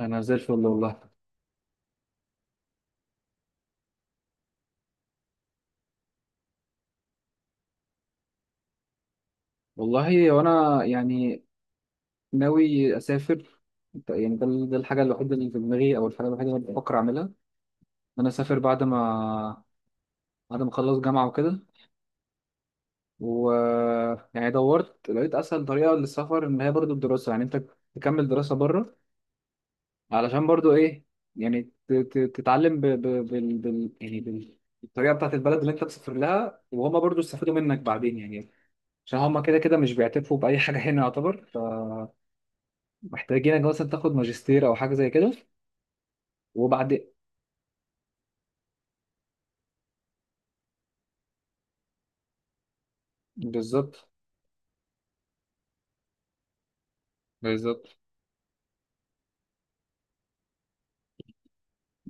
انا زي الفل والله. والله وانا يعني ناوي اسافر. يعني ده الحاجه الوحيده اللي في دماغي او الحاجه الوحيده اللي بفكر اعملها ان انا اسافر بعد ما اخلص جامعه وكده. و يعني دورت لقيت اسهل طريقه للسفر ان هي برضو الدراسه، يعني انت تكمل دراسه بره علشان برضو ايه، يعني تتعلم ب... ب... بال... بال... يعني بال... الطريقه بتاعت البلد اللي انت مسافر لها، وهما برضو استفادوا منك بعدين يعني. عشان هما كده كده مش بيعترفوا باي حاجه هنا، يعتبر محتاجينك مثلا تاخد ماجستير او حاجه زي كده. وبعد بالظبط. بالظبط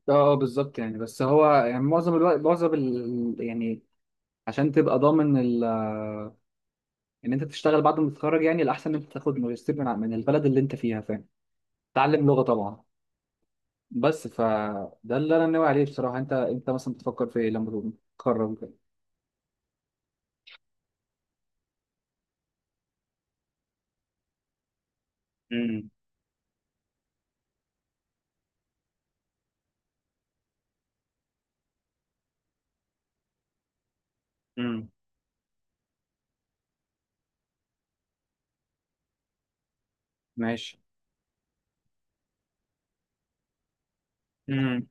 بالظبط. يعني بس هو يعني معظم الوقت، معظم ال... يعني عشان تبقى ضامن ان انت تشتغل بعد ما تتخرج يعني الاحسن ان انت تاخد ماجستير من البلد اللي انت فيها، فاهم، تعلم لغه طبعا. بس فده اللي انا ناوي عليه بصراحه. انت مثلا بتفكر في ايه لما تتخرج كده؟ امم. امم. ماشي. امم.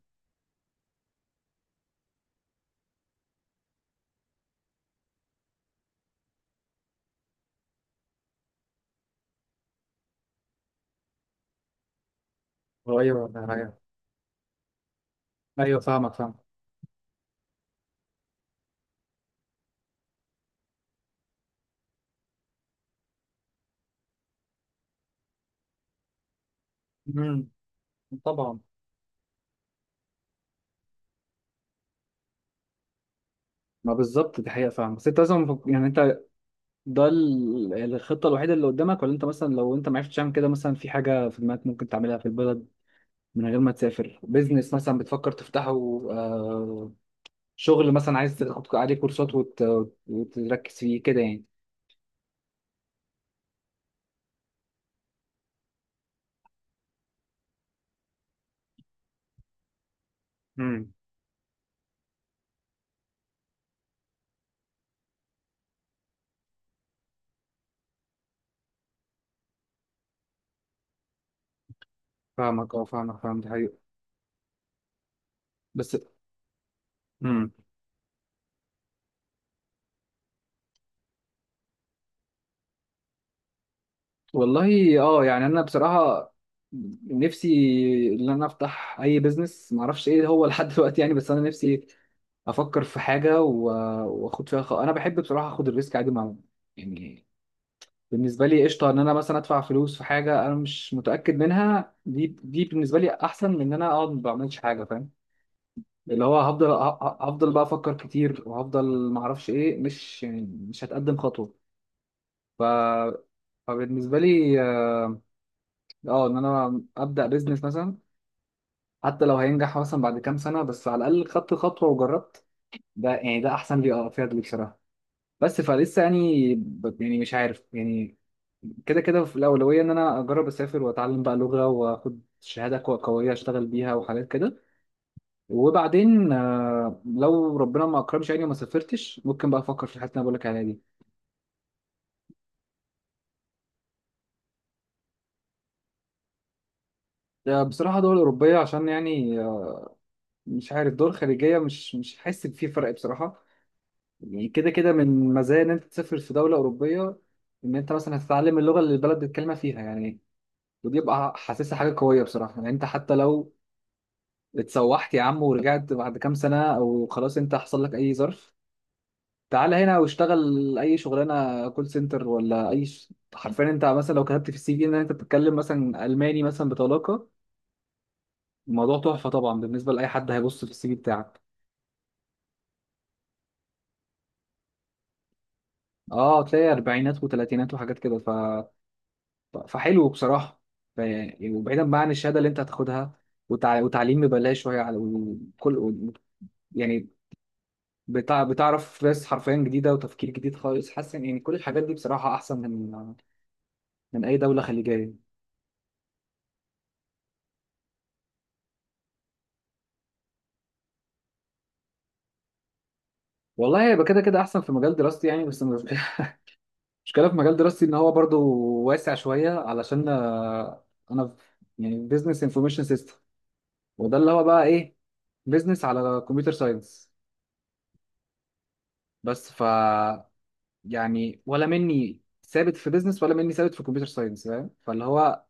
ايوه، ايوه، ايوه، فاهمك فاهم. امم. طبعا. ما بالظبط دي حقيقه فاهم. بس انت لازم يعني انت، ده الخطة الوحيدة اللي قدامك، ولا انت مثلا لو انت ما عرفتش تعمل كده، مثلا في حاجة في دماغك ممكن تعملها في البلد من غير ما تسافر؟ بيزنس مثلا بتفكر تفتحه؟ آه، شغل مثلا عايز تاخد عليه كورسات وتركز فيه كده يعني؟ امم. فاهمك اه، فاهمك فاهم، دي حقيقة. بس مم. والله اه يعني انا بصراحه نفسي ان انا افتح اي بيزنس، ما اعرفش ايه هو لحد دلوقتي يعني. بس انا نفسي افكر في حاجه واخد فيها انا بحب بصراحه اخد الريسك عادي. يعني بالنسبه لي قشطه ان انا مثلا ادفع فلوس في حاجه انا مش متاكد منها، دي بالنسبه لي احسن من ان انا اقعد ما بعملش حاجه، فاهم. اللي هو هفضل بقى افكر كتير، وهفضل ما اعرفش ايه، مش يعني، مش هتقدم خطوه. ف... فبالنسبه لي اه ان انا ابدا بيزنس مثلا، حتى لو هينجح مثلا بعد كام سنه، بس على الاقل خدت خطوه وجربت. ده احسن لي، اه فيها دي بصراحه. بس فلسه يعني، يعني مش عارف يعني. كده كده في الاولويه ان انا اجرب اسافر واتعلم بقى لغه واخد شهاده قويه اشتغل بيها وحاجات كده. وبعدين لو ربنا ما اكرمش يعني وما سافرتش، ممكن بقى افكر في الحته اللي أنا بقول لك عليها دي. بصراحه دول اوروبيه، عشان يعني مش عارف، دول خارجيه مش حاسس إن في فرق بصراحه. يعني كده كده من مزايا ان انت تسافر في دوله اوروبيه ان انت مثلا هتتعلم اللغه اللي البلد بيتكلمها فيها يعني. ودي بقى حاسسها حاجه قويه بصراحه. يعني انت حتى لو اتسوحت يا عم ورجعت بعد كام سنه، او خلاص انت حصل لك اي ظرف، تعالى هنا واشتغل اي شغلانه كول سنتر ولا اي حرفيا انت مثلا لو كتبت في السي في ان انت بتتكلم مثلا الماني مثلا بطلاقه، الموضوع تحفه طبعا بالنسبه لاي حد هيبص في السي في بتاعك. اه تلاقي اربعينات وثلاثينات وحاجات كده. فحلو بصراحة. يعني وبعيدا بقى عن الشهادة اللي انت هتاخدها، وتعليم ببلاش، وهي على- وكل و- يعني بتعرف ناس حرفيا جديدة وتفكير جديد خالص. حاسس ان يعني كل الحاجات دي بصراحة أحسن من أي دولة خليجية. والله هيبقى كده كده أحسن في مجال دراستي يعني، بس المشكلة في مجال دراستي إن هو برضو واسع شوية، علشان أنا يعني بزنس انفورميشن سيستم، وده اللي هو بقى إيه، بزنس على كمبيوتر ساينس. بس يعني ولا مني ثابت في بيزنس ولا مني ثابت في كمبيوتر ساينس، فاهم، فاللي هو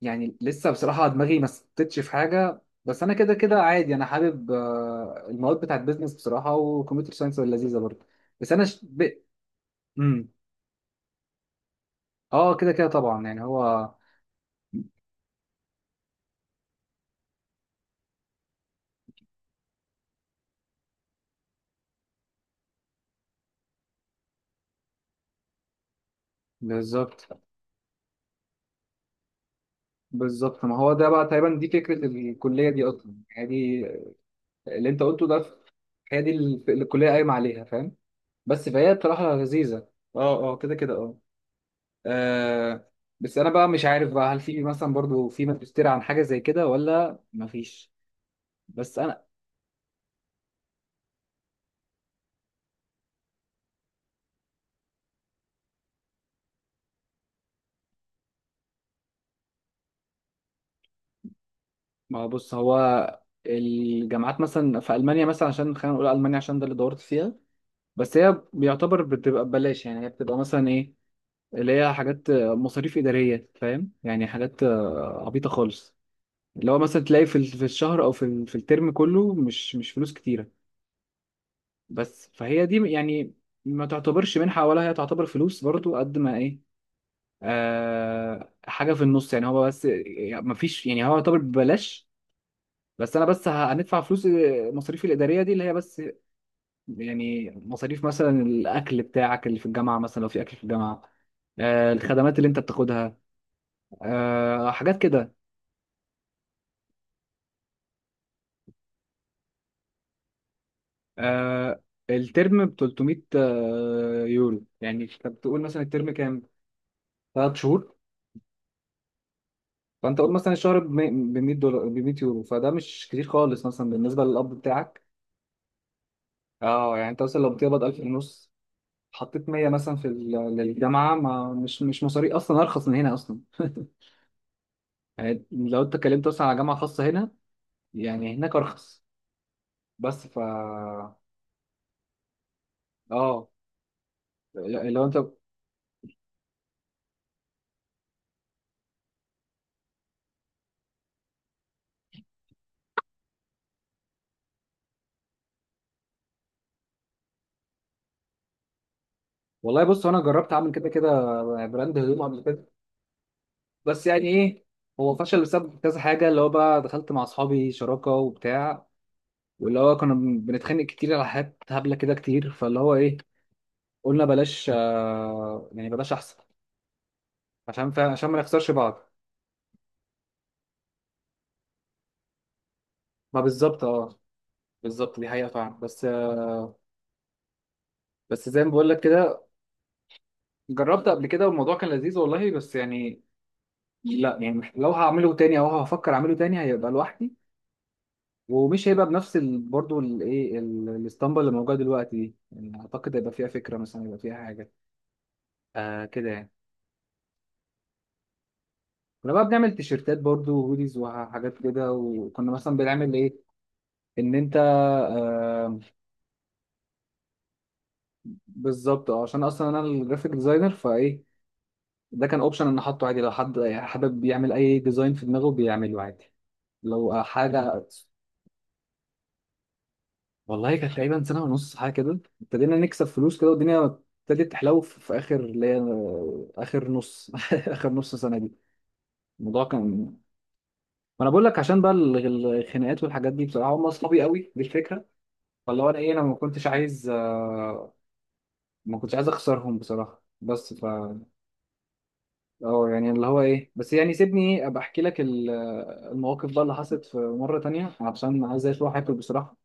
يعني لسه بصراحة دماغي ما ثبتتش في حاجة. بس انا كده كده عادي انا حابب المواد بتاعت بيزنس بصراحة، وكمبيوتر ساينس لذيذة برضه. بس انا ش... ب... مم. اه كده كده طبعا يعني، هو بالظبط. ما هو ده بقى تقريبا دي فكرة الكلية دي اصلا، يعني دي اللي انت قلته ده، هي دي الكلية قايمة عليها، فاهم. بس فهي بصراحة لذيذة. اه اه كده كده اه. آه بس انا بقى مش عارف بقى هل في مثلا برضو في ماجستير عن حاجه زي كده ولا مفيش. بس انا، ما هو بص، هو الجامعات مثلا في المانيا، مثلا عشان خلينا نقول المانيا عشان ده اللي دورت فيها. بس هي بيعتبر بتبقى ببلاش، يعني هي بتبقى مثلا ايه، اللي هي حاجات مصاريف اداريه، فاهم، يعني حاجات عبيطه خالص. اللي هو مثلا تلاقي في الشهر، او في الترم كله، مش فلوس كتيره. بس فهي دي يعني ما تعتبرش منحه، ولا هي تعتبر فلوس برضو، قد ما ايه، حاجه في النص، يعني هو. بس يعني مفيش، يعني هو يعتبر ببلاش، بس هندفع فلوس مصاريفي الاداريه دي اللي هي بس، يعني مصاريف مثلا الاكل بتاعك اللي في الجامعه مثلا لو في اكل في الجامعه، الخدمات اللي انت بتاخدها، حاجات كده. آه، الترم ب 300 يورو، يعني انت بتقول مثلا الترم كام، 3 شهور، فانت قول مثلا الشهر ب $100، ب €100، فده مش كتير خالص مثلا بالنسبه للقبض بتاعك. اه يعني انت مثلا لو بتقبض 1000 ونص، حطيت 100 مثلا للجامعه، ما مش، مصاري اصلا ارخص من هنا اصلا يعني لو انت اتكلمت اصلا على جامعه خاصه هنا، يعني هناك ارخص. بس ف اه لا- لو انت. والله بص انا جربت اعمل كده كده براند هدوم قبل كده، بس يعني ايه، هو فشل بسبب كذا حاجه، اللي هو بقى دخلت مع اصحابي شراكه وبتاع، واللي هو كنا بنتخانق كتير على حاجات هبله كده كتير. فاللي هو ايه، قلنا بلاش يعني بلاش احسن عشان فعلا عشان ما نخسرش بعض. ما بالظبط اه، بالظبط دي حقيقة فعلا. بس زي ما بقول لك كده، جربت قبل كده والموضوع كان لذيذ والله. بس يعني لا يعني، لو هعمله تاني او هفكر اعمله تاني هيبقى لوحدي، ومش هيبقى بنفس برضه الاسطمبة اللي موجودة دلوقتي دي. يعني اعتقد هيبقى فيها فكرة مثلا، هيبقى فيها حاجة كده يعني. كنا بقى بنعمل تيشيرتات برضه وهوديز وحاجات كده، وكنا مثلا بنعمل ايه، ان انت بالظبط. اه عشان اصلا انا الجرافيك ديزاينر، فايه ده كان اوبشن ان احطه عادي، لو حد حابب يعمل اي ديزاين في دماغه بيعمله عادي لو حاجه. والله كانت تقريبا سنه ونص حاجه كده، ابتدينا نكسب فلوس كده، والدنيا ابتدت تحلو في اخر اللي هي، اخر نص اخر نص سنه دي. الموضوع كان، ما انا بقول لك عشان بقى الخناقات والحاجات دي بصراحه، هم اصحابي قوي دي الفكره. فاللي هو انا ايه، ما كنتش عايز اخسرهم بصراحه. بس ف اه يعني اللي هو ايه، بس يعني سيبني ابقى احكي لك المواقف بقى اللي حصلت في مره تانية عشان عايز اروح اكل بصراحه،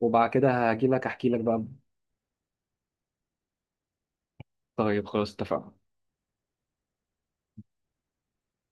وبعد كده هاجي لك احكي لك بقى. طيب خلاص اتفقنا.